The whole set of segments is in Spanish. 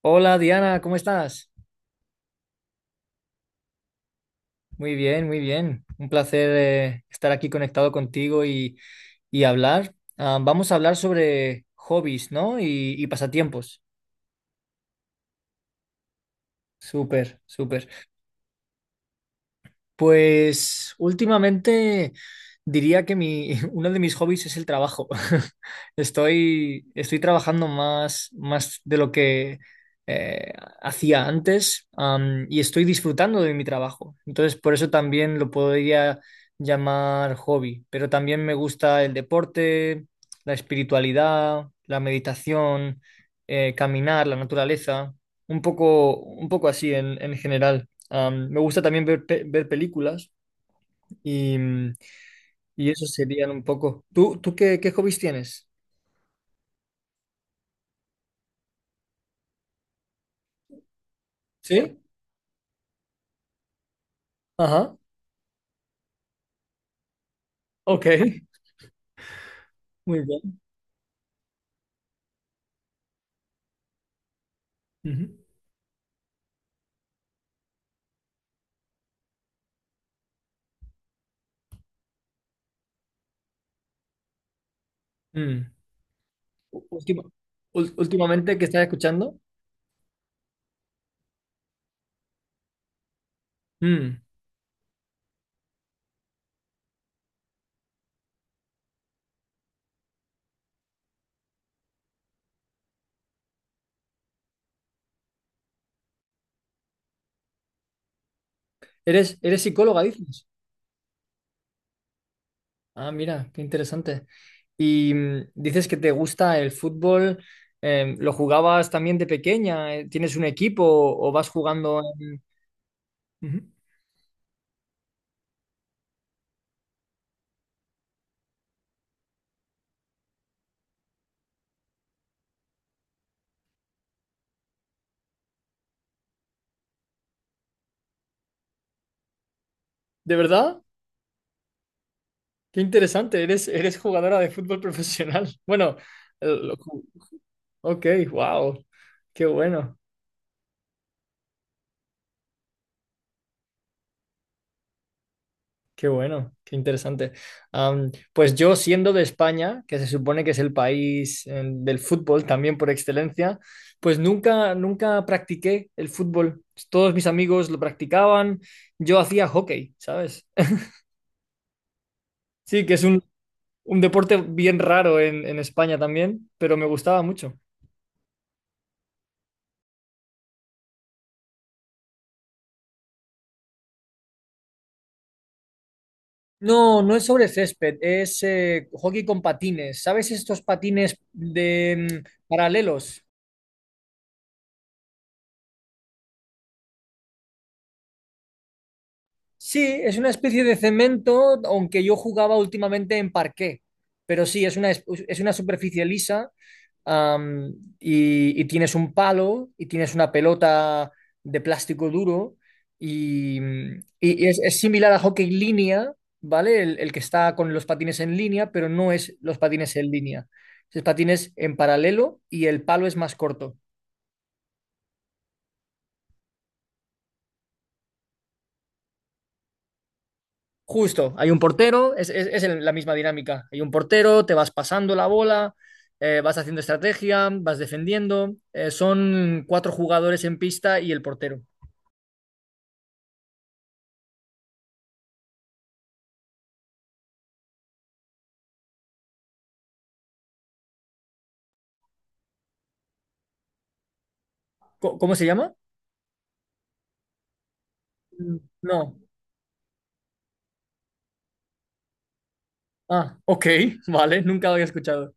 Hola, Diana, ¿cómo estás? Muy bien, muy bien. Un placer estar aquí conectado contigo y hablar. Vamos a hablar sobre hobbies, ¿no? Y pasatiempos. Súper, súper. Pues últimamente diría que mi, uno de mis hobbies es el trabajo. Estoy trabajando más, más de lo que eh, hacía antes, y estoy disfrutando de mi trabajo. Entonces, por eso también lo podría llamar hobby. Pero también me gusta el deporte, la espiritualidad, la meditación, caminar, la naturaleza, un poco así en general. Me gusta también ver películas y, mm, y eso serían un poco. Tú qué hobbies tienes? ¿Sí? Ajá. Ok. Muy bien. Ujú. Mm. U- última- últimamente, ¿qué estás escuchando? Mm. ¿Eres, eres psicóloga, dices? Ah, mira, qué interesante. Y dices que te gusta el fútbol. Eh, ¿lo jugabas también de pequeña? ¿Tienes un equipo o vas jugando en... Ujú. ¿De verdad? Qué interesante, eres, eres jugadora de fútbol profesional. Bueno, el- lo ju- ok, wow, qué bueno, qué bueno, qué interesante. Pues yo, siendo de España, que se supone que es el país del fútbol también por excelencia, pues nunca, nunca practiqué el fútbol. Todos mis amigos lo practicaban, yo hacía hockey, ¿sabes? Sí, que es un deporte bien raro en España también, pero me gustaba mucho. No, no es sobre césped, es hockey con patines. ¿Sabes estos patines de paralelos? Sí, es una especie de cemento, aunque yo jugaba últimamente en parqué. Pero sí, es una, es una superficie lisa, y tienes un palo y tienes una pelota de plástico duro y, y es similar a hockey línea, ¿vale? El que está con los patines en línea, pero no es los patines en línea. Es patines en paralelo y el palo es más corto. Justo, hay un portero, la misma dinámica. Hay un portero, te vas pasando la bola, vas haciendo estrategia, vas defendiendo. Son cuatro jugadores en pista y el portero. ¿Cómo se llama? No. Ah, ok, vale, nunca lo había escuchado.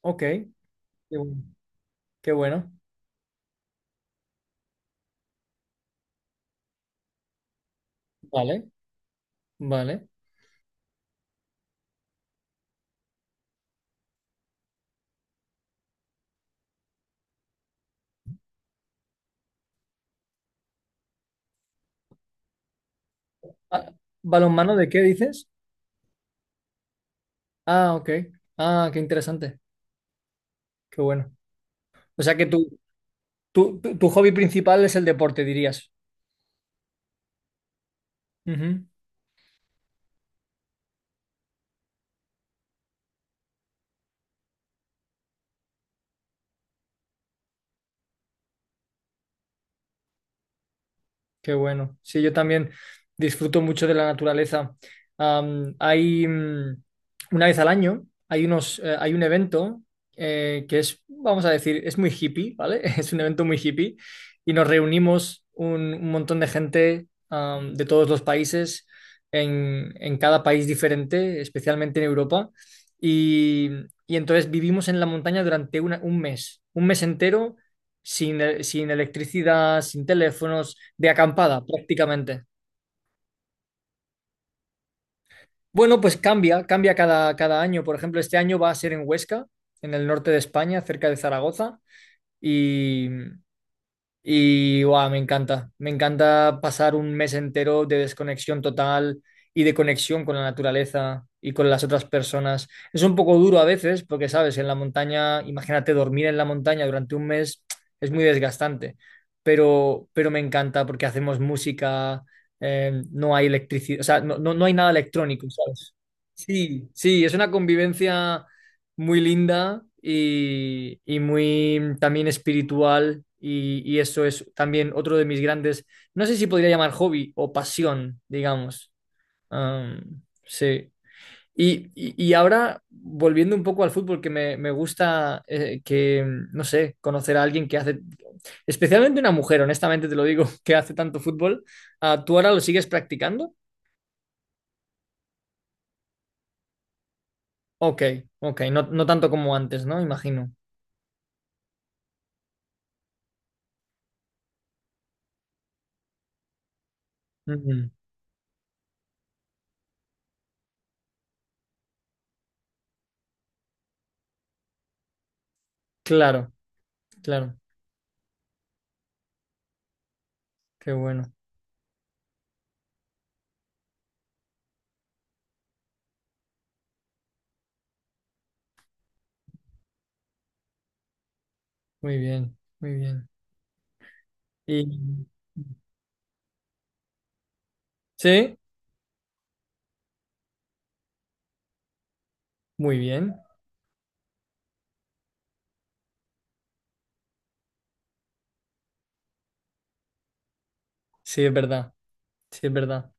Ok, qué bueno, qué bueno. Vale, vale. Ah, ¿balonmano de qué dices? Ah, ok. Ah, qué interesante, qué bueno. O sea que tu hobby principal es el deporte, dirías. Ujú. Qué bueno. Sí, yo también disfruto mucho de la naturaleza. Hay una vez al año, hay hay un evento que es, vamos a decir, es muy hippie, ¿vale? Es un evento muy hippie y nos reunimos un montón de gente, de todos los países, en cada país diferente, especialmente en Europa. Y, y entonces vivimos en la montaña durante un mes entero sin, sin electricidad, sin teléfonos, de acampada prácticamente. Bueno, pues cambia, cambia cada, cada año. Por ejemplo, este año va a ser en Huesca, en el norte de España, cerca de Zaragoza. Y guau, me encanta pasar un mes entero de desconexión total y de conexión con la naturaleza y con las otras personas. Es un poco duro a veces porque, sabes, en la montaña, imagínate dormir en la montaña durante un mes, es muy desgastante, pero me encanta porque hacemos música, no hay electricidad, o sea, no, no, no hay nada electrónico, ¿sabes? Sí, sí, es una convivencia muy linda y muy también espiritual y eso es también otro de mis grandes, no sé si podría llamar hobby o pasión, digamos. Sí. Y ahora, volviendo un poco al fútbol, que me gusta que, no sé, conocer a alguien que hace, especialmente una mujer, honestamente te lo digo, que hace tanto fútbol. Ah, ¿tú ahora lo sigues practicando? Ok, ok, no, no tanto como antes, ¿no? Imagino. Ujú. Claro, claro, qué bueno. Muy bien, muy bien. Y sí, muy bien. Sí, es verdad. Sí, es verdad.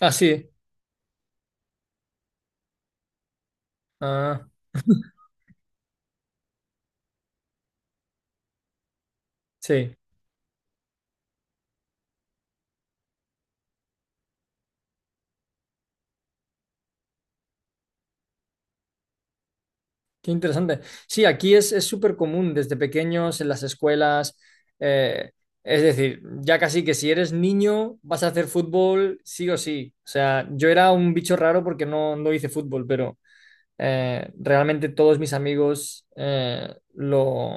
Ah, sí. Ah, sí. Qué interesante. Sí, aquí es súper común desde pequeños en las escuelas. Eh, es decir, ya casi que si eres niño vas a hacer fútbol sí o sí. O sea, yo era un bicho raro porque no, no hice fútbol, pero realmente todos mis amigos eh, lo,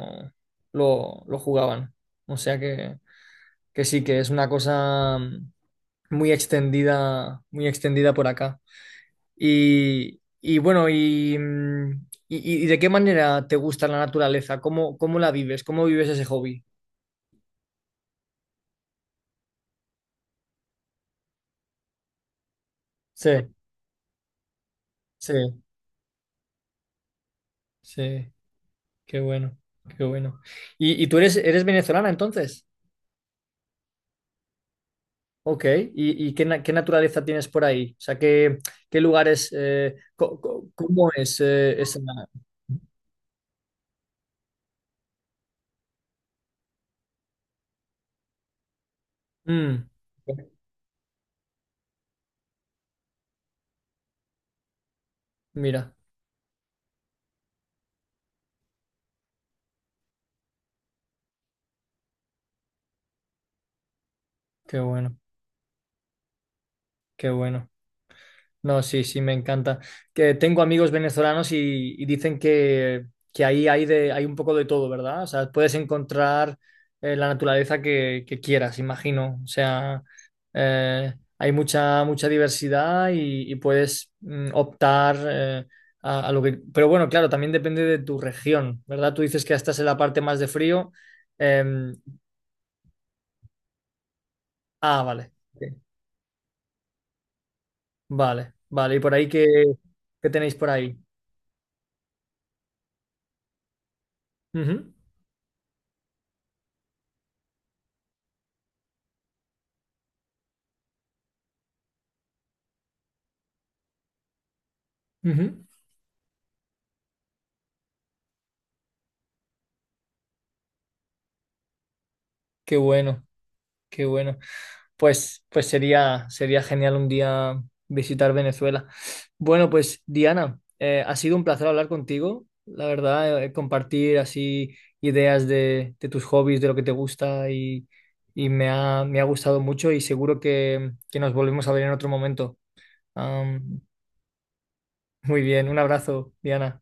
lo, lo jugaban. O sea que sí, que es una cosa muy extendida por acá. Y bueno, y, y de qué manera te gusta la naturaleza? ¿Cómo, cómo la vives? ¿Cómo vives ese hobby? Sí, sí, sí, qué bueno, qué bueno. Y tú eres, eres venezolana entonces? Ok, y qué naturaleza tienes por ahí? O sea, ¿qué, qué lugares, cómo es esa... Mm, ok, mira, qué bueno, qué bueno. No, sí, sí, me encanta. Que tengo amigos venezolanos y dicen que ahí hay, de, hay un poco de todo, ¿verdad? O sea, puedes encontrar la naturaleza que quieras, imagino. O sea, hay mucha, mucha diversidad y puedes optar a lo que... Pero bueno, claro, también depende de tu región, ¿verdad? Tú dices que estás en la parte más de frío. Em, ah, vale. Ok. Vale, vale. ¿Y por ahí qué, qué tenéis por ahí? Ujú, ujú. Qué bueno. Qué bueno. Pues, pues sería, sería genial un día visitar Venezuela. Bueno, pues Diana, ha sido un placer hablar contigo. La verdad, compartir así ideas de tus hobbies, de lo que te gusta y me ha gustado mucho y seguro que nos volvemos a ver en otro momento. Am, muy bien, un abrazo, Diana.